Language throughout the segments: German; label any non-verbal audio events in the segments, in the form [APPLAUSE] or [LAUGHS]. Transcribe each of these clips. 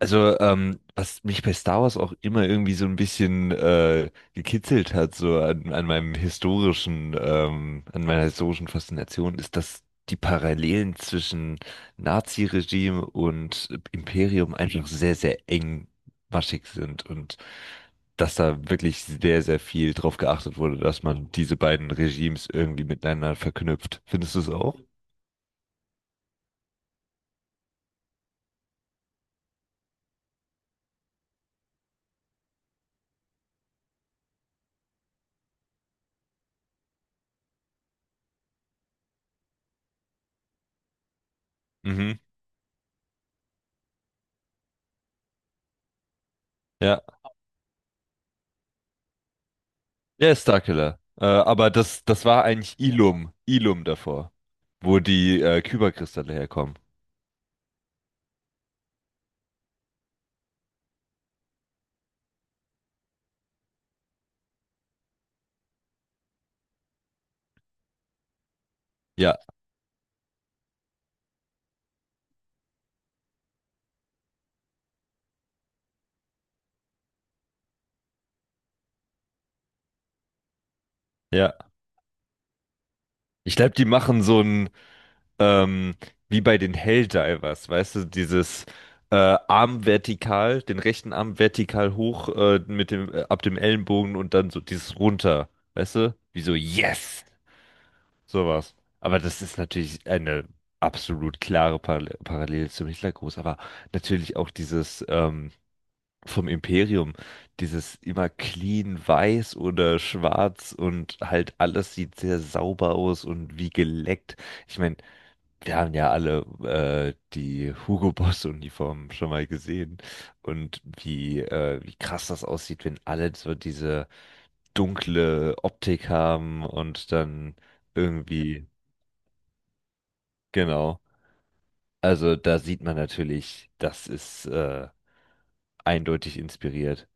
Was mich bei Star Wars auch immer irgendwie so ein bisschen gekitzelt hat, so an meinem historischen an meiner historischen Faszination, ist, dass die Parallelen zwischen Nazi-Regime und Imperium einfach sehr, sehr engmaschig sind und dass da wirklich sehr, sehr viel drauf geachtet wurde, dass man diese beiden Regimes irgendwie miteinander verknüpft. Findest du es auch? Mhm. Ja. Ja, Starkiller. Aber das war eigentlich Ilum, Ilum davor, wo die Kyberkristalle herkommen. Ja, ja. Ich glaube, die machen so ein, ähm, wie bei den Helldivers, weißt du, dieses Arm vertikal, den rechten Arm vertikal hoch mit dem, ab dem Ellenbogen und dann so dieses runter, weißt du? Wie so, yes! Sowas. Aber das ist natürlich eine absolut klare Parallele zum Hitlergruß, aber natürlich auch dieses vom Imperium. Dieses immer clean weiß oder schwarz und halt alles sieht sehr sauber aus und wie geleckt. Ich meine, wir haben ja alle die Hugo Boss Uniformen schon mal gesehen und wie krass das aussieht, wenn alle so diese dunkle Optik haben und dann irgendwie, genau. Also da sieht man natürlich, das ist eindeutig inspiriert.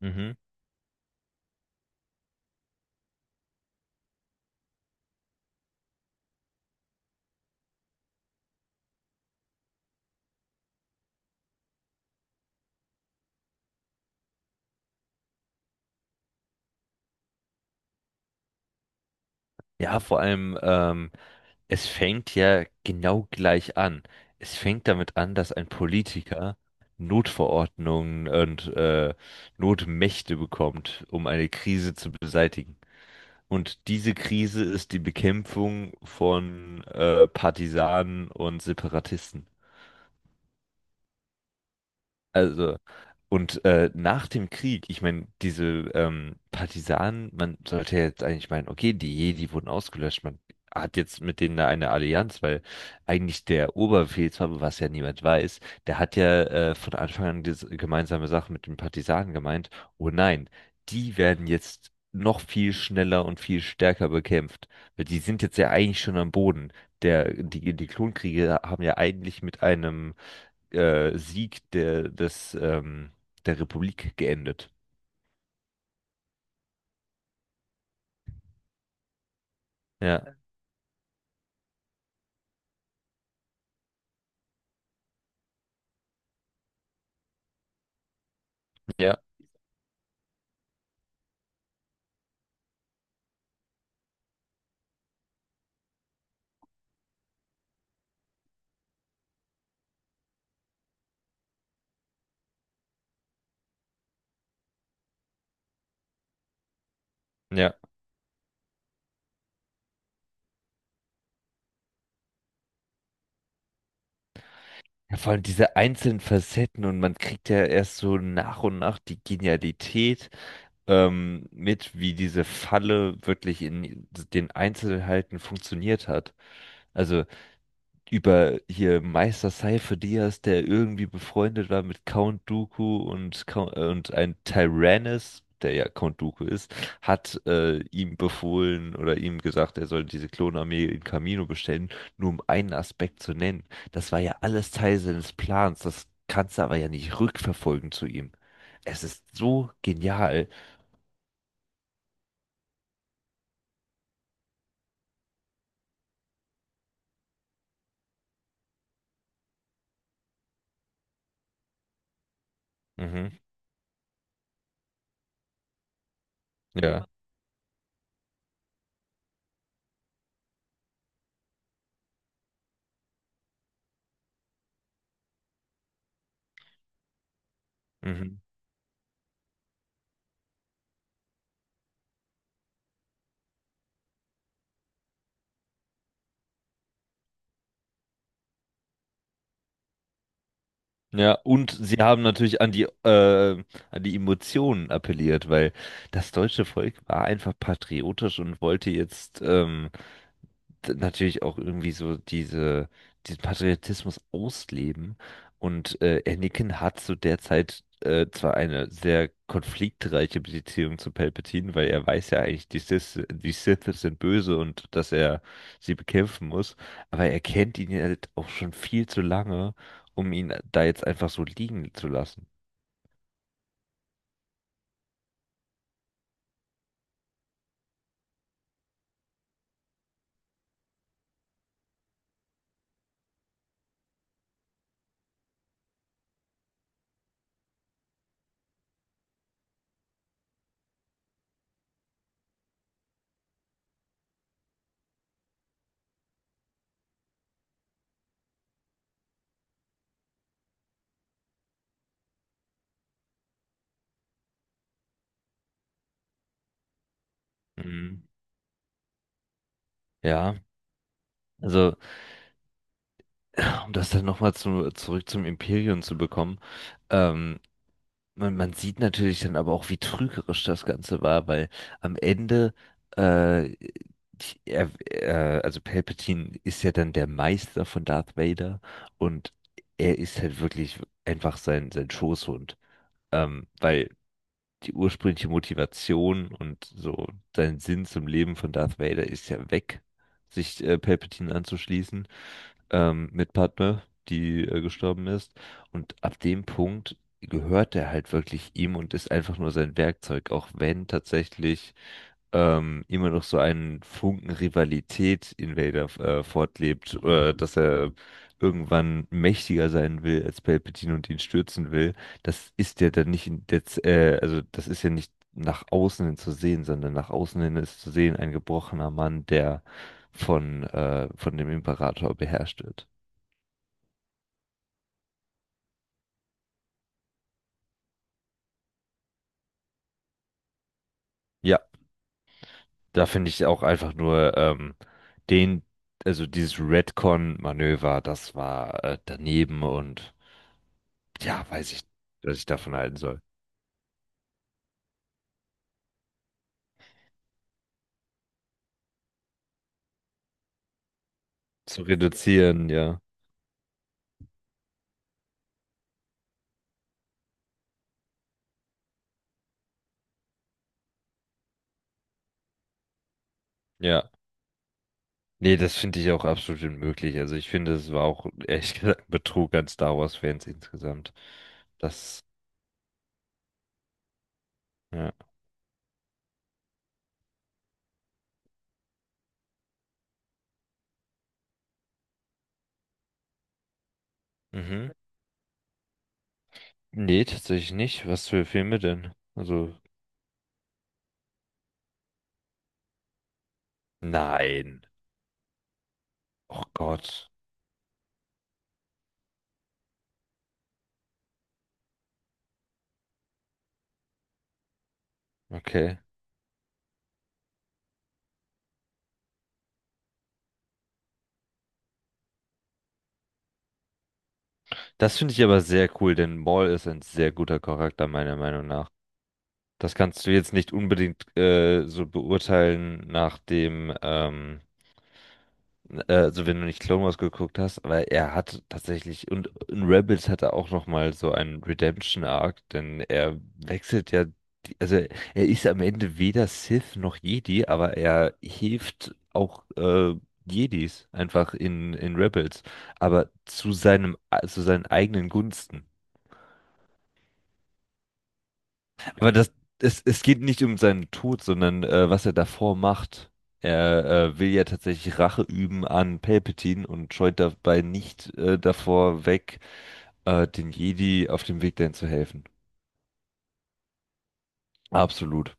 Mhm. Ja, vor allem, es fängt ja genau gleich an. Es fängt damit an, dass ein Politiker Notverordnungen und Notmächte bekommt, um eine Krise zu beseitigen. Und diese Krise ist die Bekämpfung von Partisanen und Separatisten. Also, und nach dem Krieg, ich meine, diese Partisanen, man sollte ja jetzt eigentlich meinen, okay, die Jedi wurden ausgelöscht, man hat jetzt mit denen da eine Allianz, weil eigentlich der Oberbefehlshaber, was ja niemand weiß, der hat ja von Anfang an diese gemeinsame Sache mit den Partisanen gemeint, oh nein, die werden jetzt noch viel schneller und viel stärker bekämpft, weil die sind jetzt ja eigentlich schon am Boden. Die Klonkriege haben ja eigentlich mit einem Sieg der Republik geendet. Ja, ja, ja. Ja, vor allem diese einzelnen Facetten und man kriegt ja erst so nach und nach die Genialität mit, wie diese Falle wirklich in den Einzelheiten funktioniert hat. Also über hier Meister Seife Diaz, der irgendwie befreundet war mit Count Dooku und und ein Tyrannis, der ja Count Dooku ist, hat ihm befohlen oder ihm gesagt, er soll diese Klonarmee in Kamino bestellen, nur um einen Aspekt zu nennen. Das war ja alles Teil seines Plans, das kannst du aber ja nicht rückverfolgen zu ihm. Es ist so genial. Mhm. Ja. Mhm. Ja, und sie haben natürlich an die Emotionen appelliert, weil das deutsche Volk war einfach patriotisch und wollte jetzt natürlich auch irgendwie so diesen Patriotismus ausleben. Und Anakin hat zu der Zeit zwar eine sehr konfliktreiche Beziehung zu Palpatine, weil er weiß ja eigentlich, die Sith sind böse und dass er sie bekämpfen muss, aber er kennt ihn ja halt auch schon viel zu lange, um ihn da jetzt einfach so liegen zu lassen. Mhm. Ja, also [CLEARS THROAT] um das dann nochmal zurück zum Imperium zu bekommen, ähm, man, man sieht natürlich dann aber auch, wie trügerisch das Ganze war, weil am Ende, äh, also Palpatine ist ja dann der Meister von Darth Vader und er ist halt wirklich einfach sein Schoßhund, weil die ursprüngliche Motivation und so sein Sinn zum Leben von Darth Vader ist ja weg, sich Palpatine anzuschließen, Mitpartner, die gestorben ist. Und ab dem Punkt gehört er halt wirklich ihm und ist einfach nur sein Werkzeug, auch wenn tatsächlich immer noch so ein Funken Rivalität in Vader fortlebt, dass er irgendwann mächtiger sein will als Palpatine und ihn stürzen will. Das ist ja dann nicht also das ist ja nicht nach außen hin zu sehen, sondern nach außen hin ist zu sehen ein gebrochener Mann, der von dem Imperator beherrscht wird. Ja, da finde ich auch einfach nur den, also dieses Redcon-Manöver, das war daneben und ja, weiß ich, was ich davon halten soll. Zu reduzieren, ja. Ja. Nee, das finde ich auch absolut unmöglich. Also ich finde, es war auch [LAUGHS] ehrlich gesagt ein Betrug an Star Wars-Fans insgesamt. Das, ja. Mhm. Nee, tatsächlich nicht. Was für Filme denn? Also, nein. Oh Gott. Okay. Das finde ich aber sehr cool, denn Maul ist ein sehr guter Charakter, meiner Meinung nach. Das kannst du jetzt nicht unbedingt so beurteilen nach dem, also wenn du nicht Clone Wars geguckt hast, aber er hat tatsächlich, und in Rebels hat er auch nochmal so einen Redemption-Arc, denn er wechselt ja, also er ist am Ende weder Sith noch Jedi, aber er hilft auch Jedis einfach in Rebels, aber zu seinem, zu seinen eigenen Gunsten. Aber das, es geht nicht um seinen Tod, sondern was er davor macht. Er will ja tatsächlich Rache üben an Palpatine und scheut dabei nicht davor weg, den Jedi auf dem Weg dahin zu helfen. Absolut.